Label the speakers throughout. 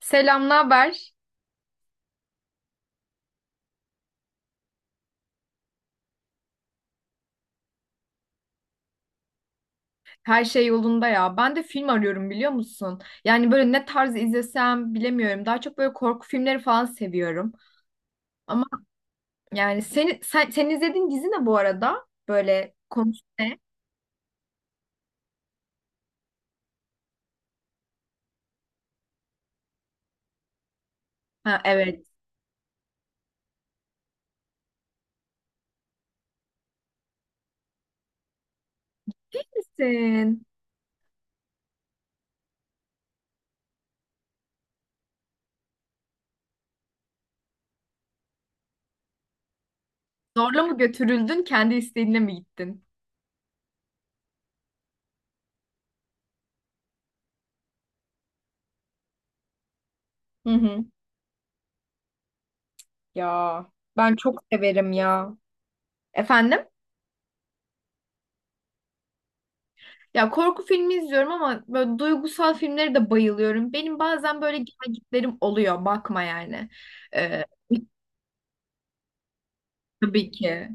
Speaker 1: Selam, ne haber? Her şey yolunda ya. Ben de film arıyorum biliyor musun? Yani böyle ne tarz izlesem bilemiyorum. Daha çok böyle korku filmleri falan seviyorum. Ama yani sen izlediğin dizi ne bu arada? Böyle konusu ne? Ha, evet. Sen zorla mı götürüldün, kendi isteğinle mi gittin? Hı hı. Ya ben çok severim ya. Efendim? Ya korku filmi izliyorum ama böyle duygusal filmlere de bayılıyorum. Benim bazen böyle gelgitlerim oluyor. Bakma yani. Ee, Tabii ki.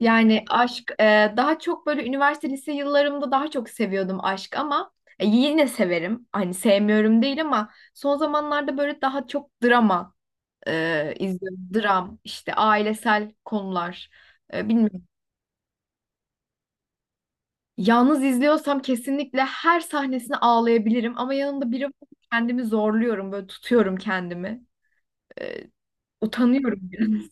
Speaker 1: Yani aşk daha çok böyle üniversite lise yıllarımda daha çok seviyordum aşk ama yine severim. Hani sevmiyorum değil ama son zamanlarda böyle daha çok drama izliyorum. Dram işte ailesel konular. Bilmiyorum. Yalnız izliyorsam kesinlikle her sahnesine ağlayabilirim ama yanımda biri var, kendimi zorluyorum, böyle tutuyorum kendimi. E, Utanıyorum biraz.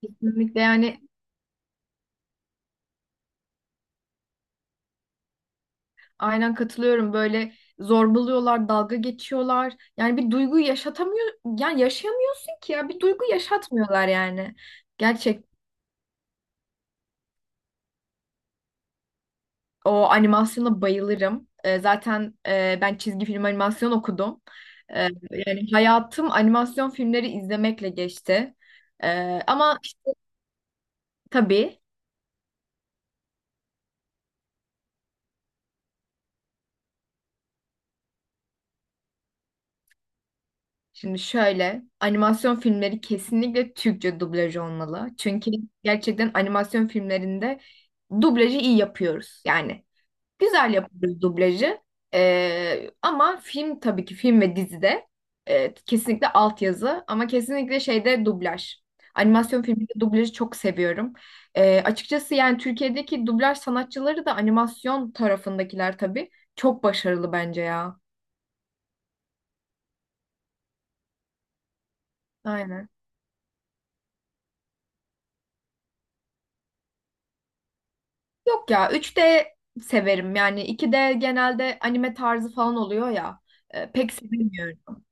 Speaker 1: Kesinlikle yani. Aynen katılıyorum. Böyle zorbalıyorlar, dalga geçiyorlar. Yani bir duygu yaşatamıyor, yani yaşayamıyorsun ki ya. Bir duygu yaşatmıyorlar yani. Gerçek, o animasyona bayılırım. Zaten ben çizgi film animasyon okudum. Ee, Yani hayatım animasyon filmleri izlemekle geçti. Ama işte tabii, şimdi şöyle animasyon filmleri kesinlikle Türkçe dublaj olmalı. Çünkü gerçekten animasyon filmlerinde dublajı iyi yapıyoruz. Yani güzel yapıyoruz dublajı. Ama film, tabii ki film ve dizide kesinlikle altyazı ama kesinlikle şeyde dublaj. Animasyon filminde dublajı çok seviyorum. Açıkçası yani Türkiye'deki dublaj sanatçıları da animasyon tarafındakiler tabii çok başarılı bence ya. Aynen. Yok ya, üç d severim, yani iki d genelde anime tarzı falan oluyor ya, pek sevmiyorum.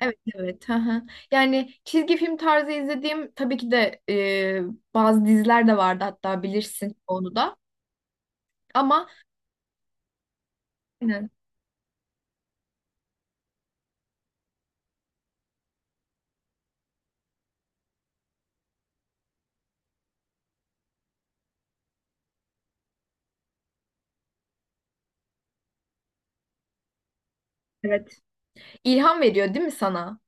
Speaker 1: Evet evet. Hı hı. Yani çizgi film tarzı izlediğim, tabii ki de bazı diziler de vardı hatta, bilirsin onu da. Ama aynen. Evet, ilham veriyor değil mi sana?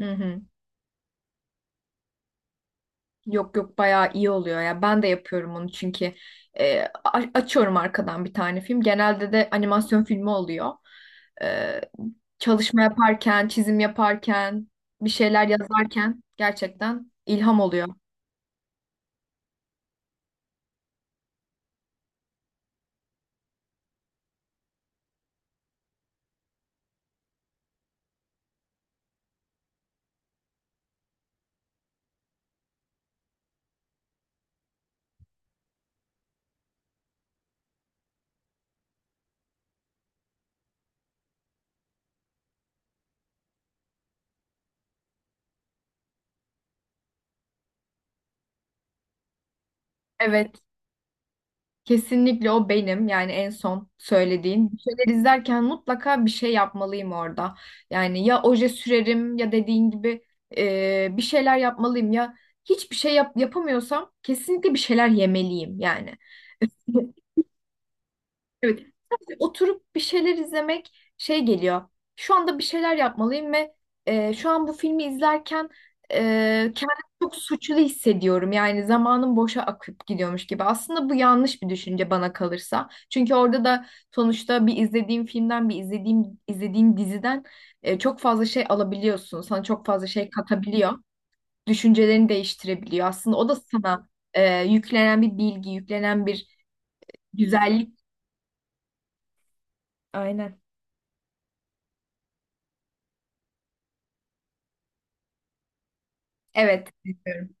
Speaker 1: Hı hı. Yok yok, bayağı iyi oluyor ya. Ben de yapıyorum onu çünkü açıyorum arkadan bir tane film. Genelde de animasyon filmi oluyor. E, Çalışma yaparken, çizim yaparken, bir şeyler yazarken gerçekten ilham oluyor. Evet. Kesinlikle o benim, yani en son söylediğin. Bir şeyler izlerken mutlaka bir şey yapmalıyım orada. Yani ya oje sürerim, ya dediğin gibi bir şeyler yapmalıyım, ya hiçbir şey yapamıyorsam kesinlikle bir şeyler yemeliyim yani. Evet. Sadece oturup bir şeyler izlemek şey geliyor. Şu anda bir şeyler yapmalıyım ve şu an bu filmi izlerken e, kendimi çok suçlu hissediyorum. Yani zamanım boşa akıp gidiyormuş gibi. Aslında bu yanlış bir düşünce bana kalırsa. Çünkü orada da sonuçta bir izlediğim filmden, bir izlediğin diziden çok fazla şey alabiliyorsun. Sana çok fazla şey katabiliyor. Düşüncelerini değiştirebiliyor. Aslında o da sana yüklenen bir bilgi, yüklenen bir güzellik. Aynen. Evet, diyorum.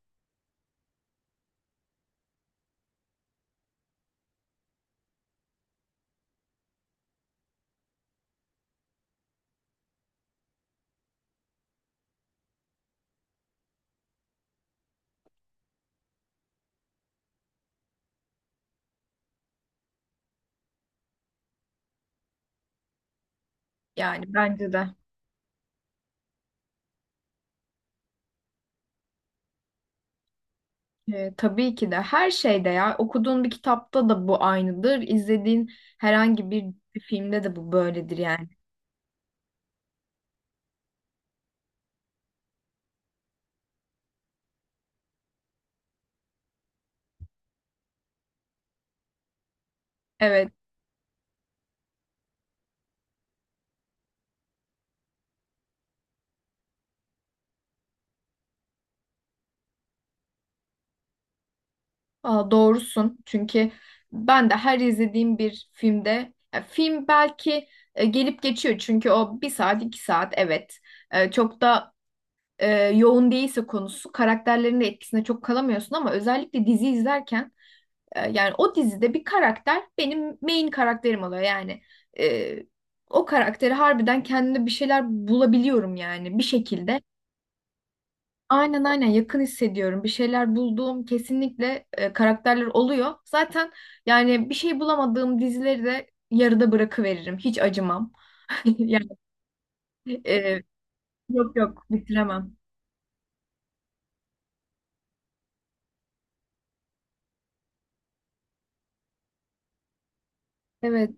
Speaker 1: Yani bence de. Tabii ki de, her şeyde ya, okuduğun bir kitapta da bu aynıdır. İzlediğin herhangi bir filmde de bu böyledir yani. Evet, aa, doğrusun. Çünkü ben de her izlediğim bir filmde, ya film belki gelip geçiyor. Çünkü o bir saat, iki saat evet. Çok da e, yoğun değilse konusu, karakterlerin de etkisinde çok kalamıyorsun ama özellikle dizi izlerken yani o dizide bir karakter benim main karakterim oluyor yani. E, O karakteri harbiden, kendimde bir şeyler bulabiliyorum yani bir şekilde. Aynen aynen, yakın hissediyorum. Bir şeyler bulduğum kesinlikle karakterler oluyor. Zaten yani bir şey bulamadığım dizileri de yarıda bırakıveririm. Hiç acımam. Yani e, yok yok, bitiremem. Evet.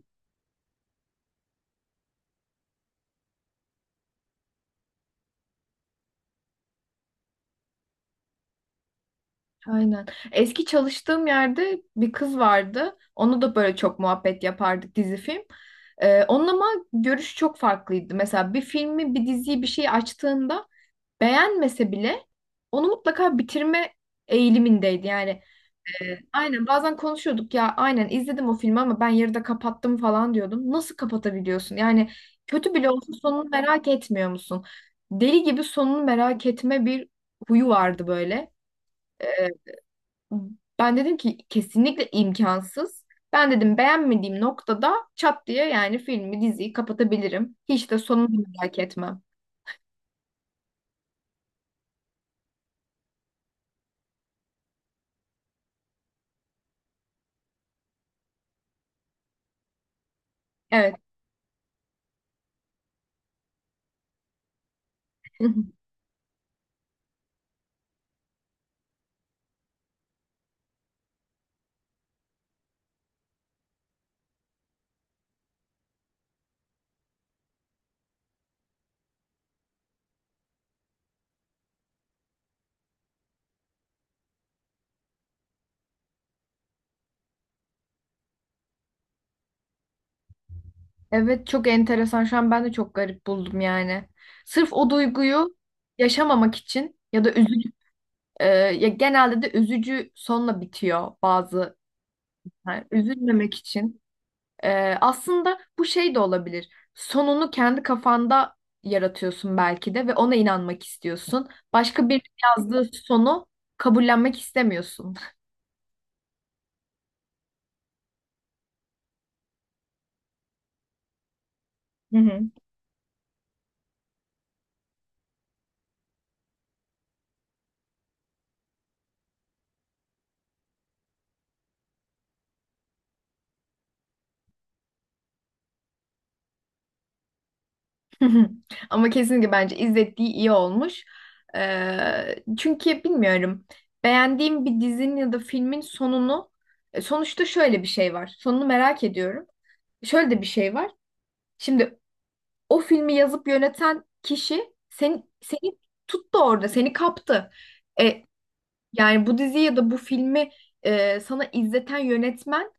Speaker 1: Aynen. Eski çalıştığım yerde bir kız vardı. Onu da böyle çok muhabbet yapardık dizi film. Onun ama görüşü çok farklıydı. Mesela bir filmi, bir diziyi, bir şeyi açtığında beğenmese bile onu mutlaka bitirme eğilimindeydi. Yani aynen, bazen konuşuyorduk ya, aynen izledim o filmi ama ben yarıda kapattım falan diyordum. Nasıl kapatabiliyorsun? Yani kötü bile olsa sonunu merak etmiyor musun? Deli gibi sonunu merak etme bir huyu vardı böyle. Ben dedim ki kesinlikle imkansız. Ben dedim beğenmediğim noktada çat diye yani filmi, diziyi kapatabilirim. Hiç de sonunu merak etmem. Evet. Evet, çok enteresan. Şu an ben de çok garip buldum yani. Sırf o duyguyu yaşamamak için ya da üzücü, ya genelde de üzücü sonla bitiyor bazı. Yani üzülmemek için. Aslında bu şey de olabilir. Sonunu kendi kafanda yaratıyorsun belki de ve ona inanmak istiyorsun. Başka bir yazdığı sonu kabullenmek istemiyorsun. Hı hı. Ama kesinlikle bence izlettiği iyi olmuş. Çünkü bilmiyorum. Beğendiğim bir dizinin ya da filmin sonunu sonuçta şöyle bir şey var. Sonunu merak ediyorum. Şöyle de bir şey var. Şimdi o filmi yazıp yöneten kişi seni tuttu orada, seni kaptı. E, Yani bu diziyi ya da bu filmi sana izleten yönetmen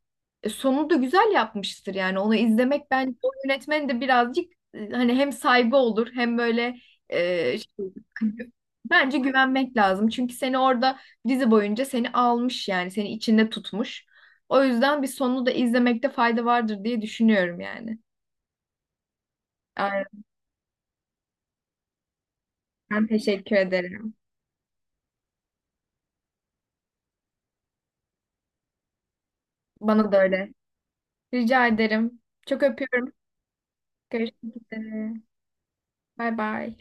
Speaker 1: sonunu da güzel yapmıştır. Yani onu izlemek bence o yönetmenin de birazcık, hani, hem saygı olur hem böyle e, şey, gü- bence güvenmek lazım. Çünkü seni dizi boyunca almış, yani seni içinde tutmuş. O yüzden bir sonunu da izlemekte fayda vardır diye düşünüyorum yani. Aynen. Ben teşekkür ederim. Bana da öyle. Rica ederim. Çok öpüyorum. Görüşmek üzere. Bay bay.